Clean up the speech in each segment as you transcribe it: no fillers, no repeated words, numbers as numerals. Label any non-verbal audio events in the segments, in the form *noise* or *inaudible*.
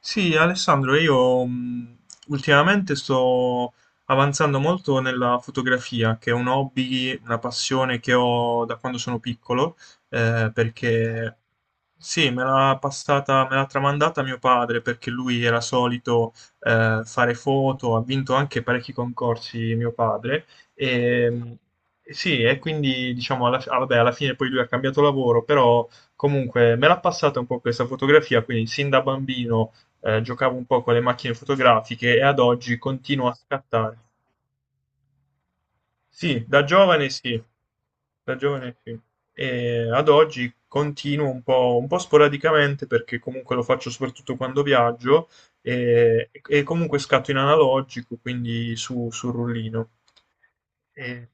Sì, Alessandro, io ultimamente sto avanzando molto nella fotografia, che è un hobby, una passione che ho da quando sono piccolo, perché sì, me l'ha passata, me l'ha tramandata mio padre, perché lui era solito fare foto, ha vinto anche parecchi concorsi mio padre, e sì, e quindi diciamo, vabbè, alla fine poi lui ha cambiato lavoro, però... Comunque, me l'ha passata un po' questa fotografia, quindi sin da bambino giocavo un po' con le macchine fotografiche e ad oggi continuo a scattare. Sì, da giovane sì, da giovane sì. E ad oggi continuo un po' sporadicamente perché comunque lo faccio soprattutto quando viaggio e comunque scatto in analogico, quindi sul rullino. E-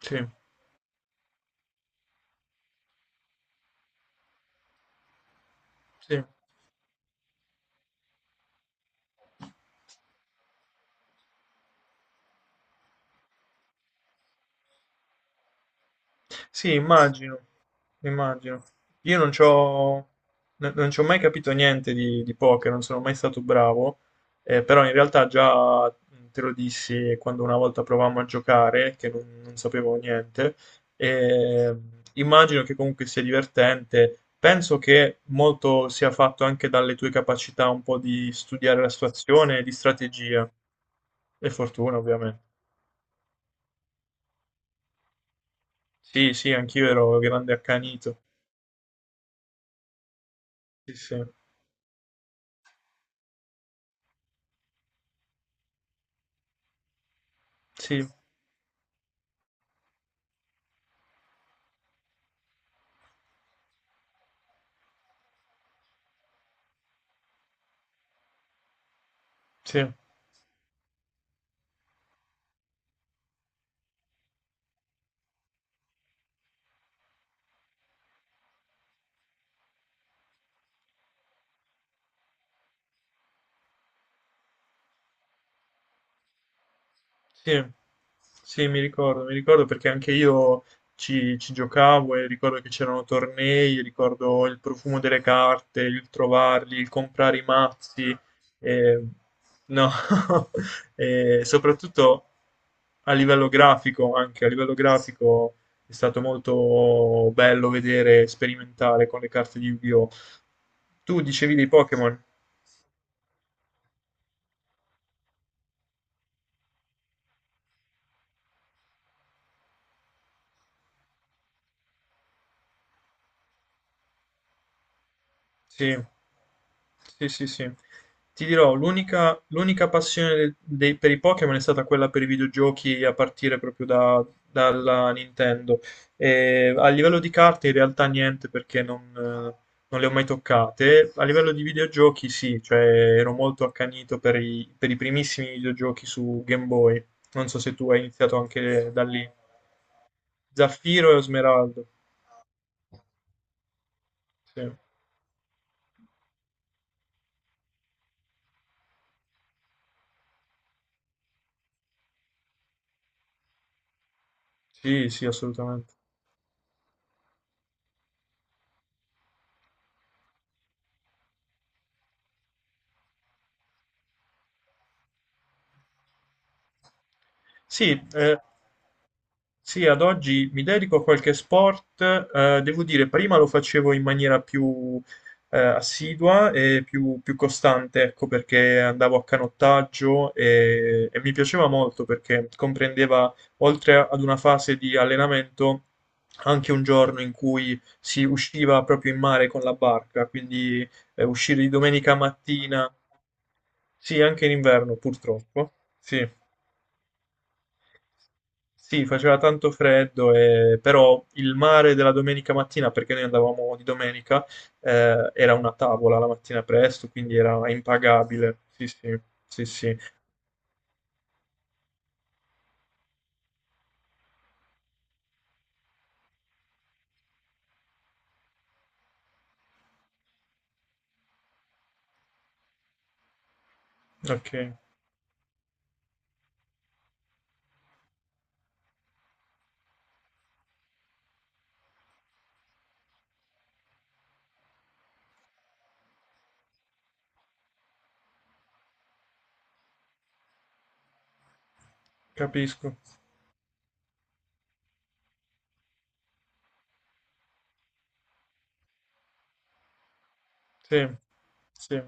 sì, sì. Sì, immagino, immagino. Io non c'ho, no- non ci ho mai capito niente di poker, non sono mai stato bravo, però in realtà già te lo dissi quando una volta provammo a giocare, che non sapevo niente, e immagino che comunque sia divertente. Penso che molto sia fatto anche dalle tue capacità un po' di studiare la situazione, e di strategia e fortuna, ovviamente. Sì, sì, anch'io ero grande accanito. Sì, sì. Sì. Sì, sì, sì, mi ricordo perché anche io ci giocavo e ricordo che c'erano tornei, ricordo il profumo delle carte, il trovarli, il comprare i mazzi, eh, no, *laughs* e soprattutto a livello grafico, anche a livello grafico è stato molto bello vedere, sperimentare con le carte di Yu-Gi-Oh! Tu dicevi dei Pokémon? Sì, sì, sì, sì. Ti dirò, l'unica passione per i Pokémon è stata quella per i videogiochi a partire proprio dalla Nintendo. E a livello di carte in realtà niente perché non le ho mai toccate. A livello di videogiochi sì, cioè ero molto accanito per i primissimi videogiochi su Game Boy. Non so se tu hai iniziato anche da lì. Zaffiro e Smeraldo. Sì, sì, sì, assolutamente. Sì, sì, ad oggi mi dedico a qualche sport, devo dire, prima lo facevo in maniera più assidua e più costante, ecco, perché andavo a canottaggio e mi piaceva molto perché comprendeva, oltre ad una fase di allenamento, anche un giorno in cui si usciva proprio in mare con la barca, quindi uscire di domenica mattina, sì, anche in inverno purtroppo, sì. Sì, faceva tanto freddo, però il mare della domenica mattina, perché noi andavamo di domenica, era una tavola la mattina presto, quindi era impagabile. Sì, sì, sì, sì. Ok, capisco. Sì, sì,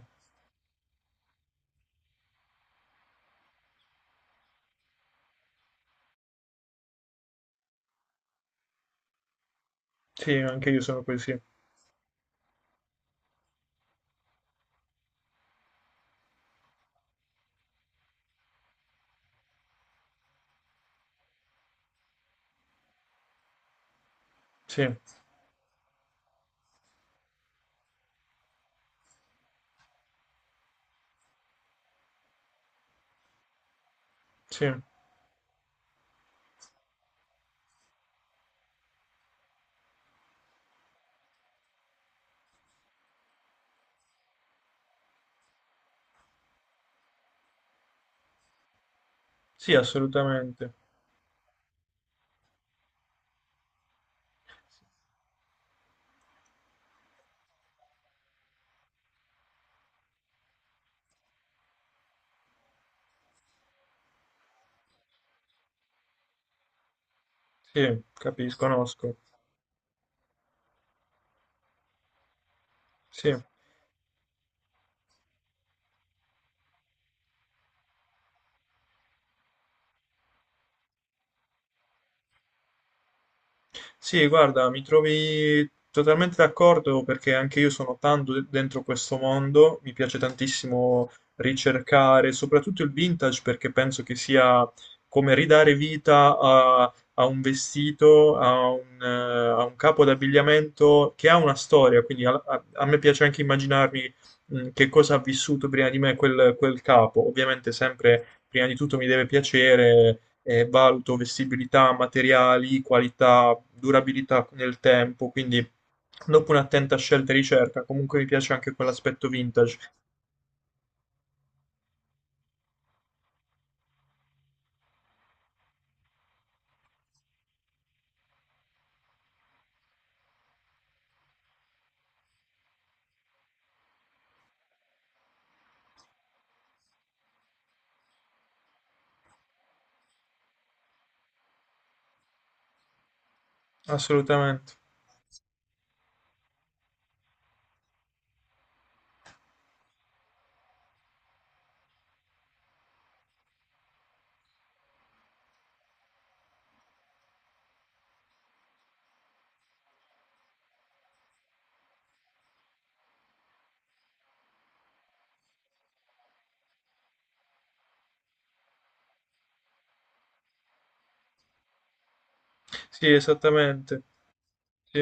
sì, anche io sono così. Sì, sì, sì, assolutamente. Sì, capisco, conosco. Sì. Sì, guarda, mi trovi totalmente d'accordo perché anche io sono tanto dentro questo mondo, mi piace tantissimo ricercare, soprattutto il vintage perché penso che sia come ridare vita a un vestito, a un capo d'abbigliamento che ha una storia, quindi a me piace anche immaginarmi che cosa ha vissuto prima di me quel capo. Ovviamente sempre, prima di tutto, mi deve piacere valuto vestibilità, materiali, qualità, durabilità nel tempo, quindi dopo un'attenta scelta e ricerca, comunque mi piace anche quell'aspetto vintage, assolutamente. Sì, esattamente. Sì.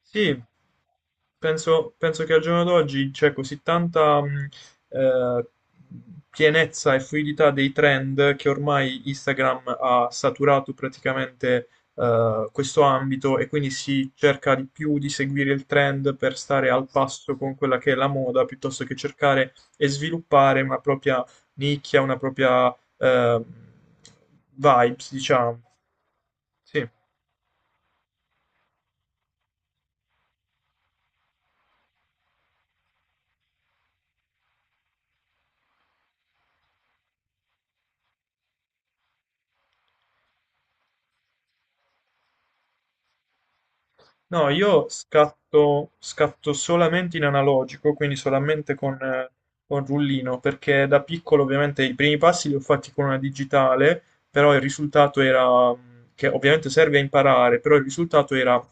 Sì, penso che al giorno d'oggi c'è così tanta eh, pienezza e fluidità dei trend che ormai Instagram ha saturato praticamente questo ambito e quindi si cerca di più di seguire il trend per stare al passo con quella che è la moda, piuttosto che cercare e sviluppare una propria nicchia, una propria vibes, diciamo. Sì. No, io scatto solamente in analogico, quindi solamente con rullino, perché da piccolo ovviamente i primi passi li ho fatti con una digitale, però il risultato era, che ovviamente serve a imparare, però il risultato era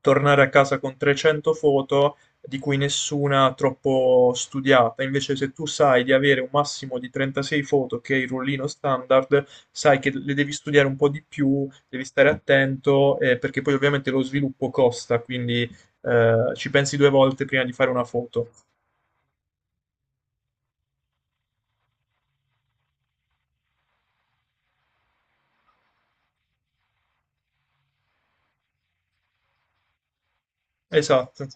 tornare a casa con 300 foto di cui nessuna troppo studiata. Invece se tu sai di avere un massimo di 36 foto, che è il rullino standard, sai che le devi studiare un po' di più devi stare attento perché poi ovviamente lo sviluppo costa, quindi ci pensi due volte prima di fare una foto. Esatto,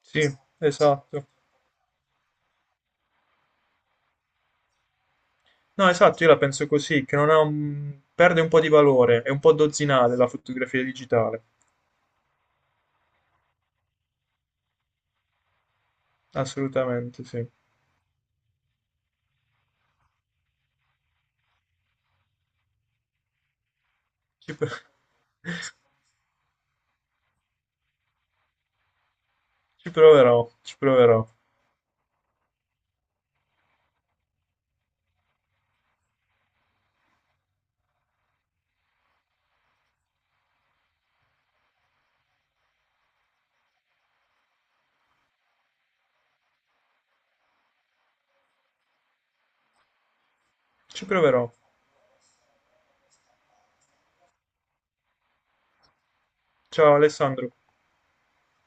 sì, esatto. No, esatto, io la penso così, che non ha perde un po' di valore, è un po' dozzinale la fotografia digitale, assolutamente sì. Ci, pro- *laughs* Ci proverò, ci proverò, ci proverò. Ciao Alessandro.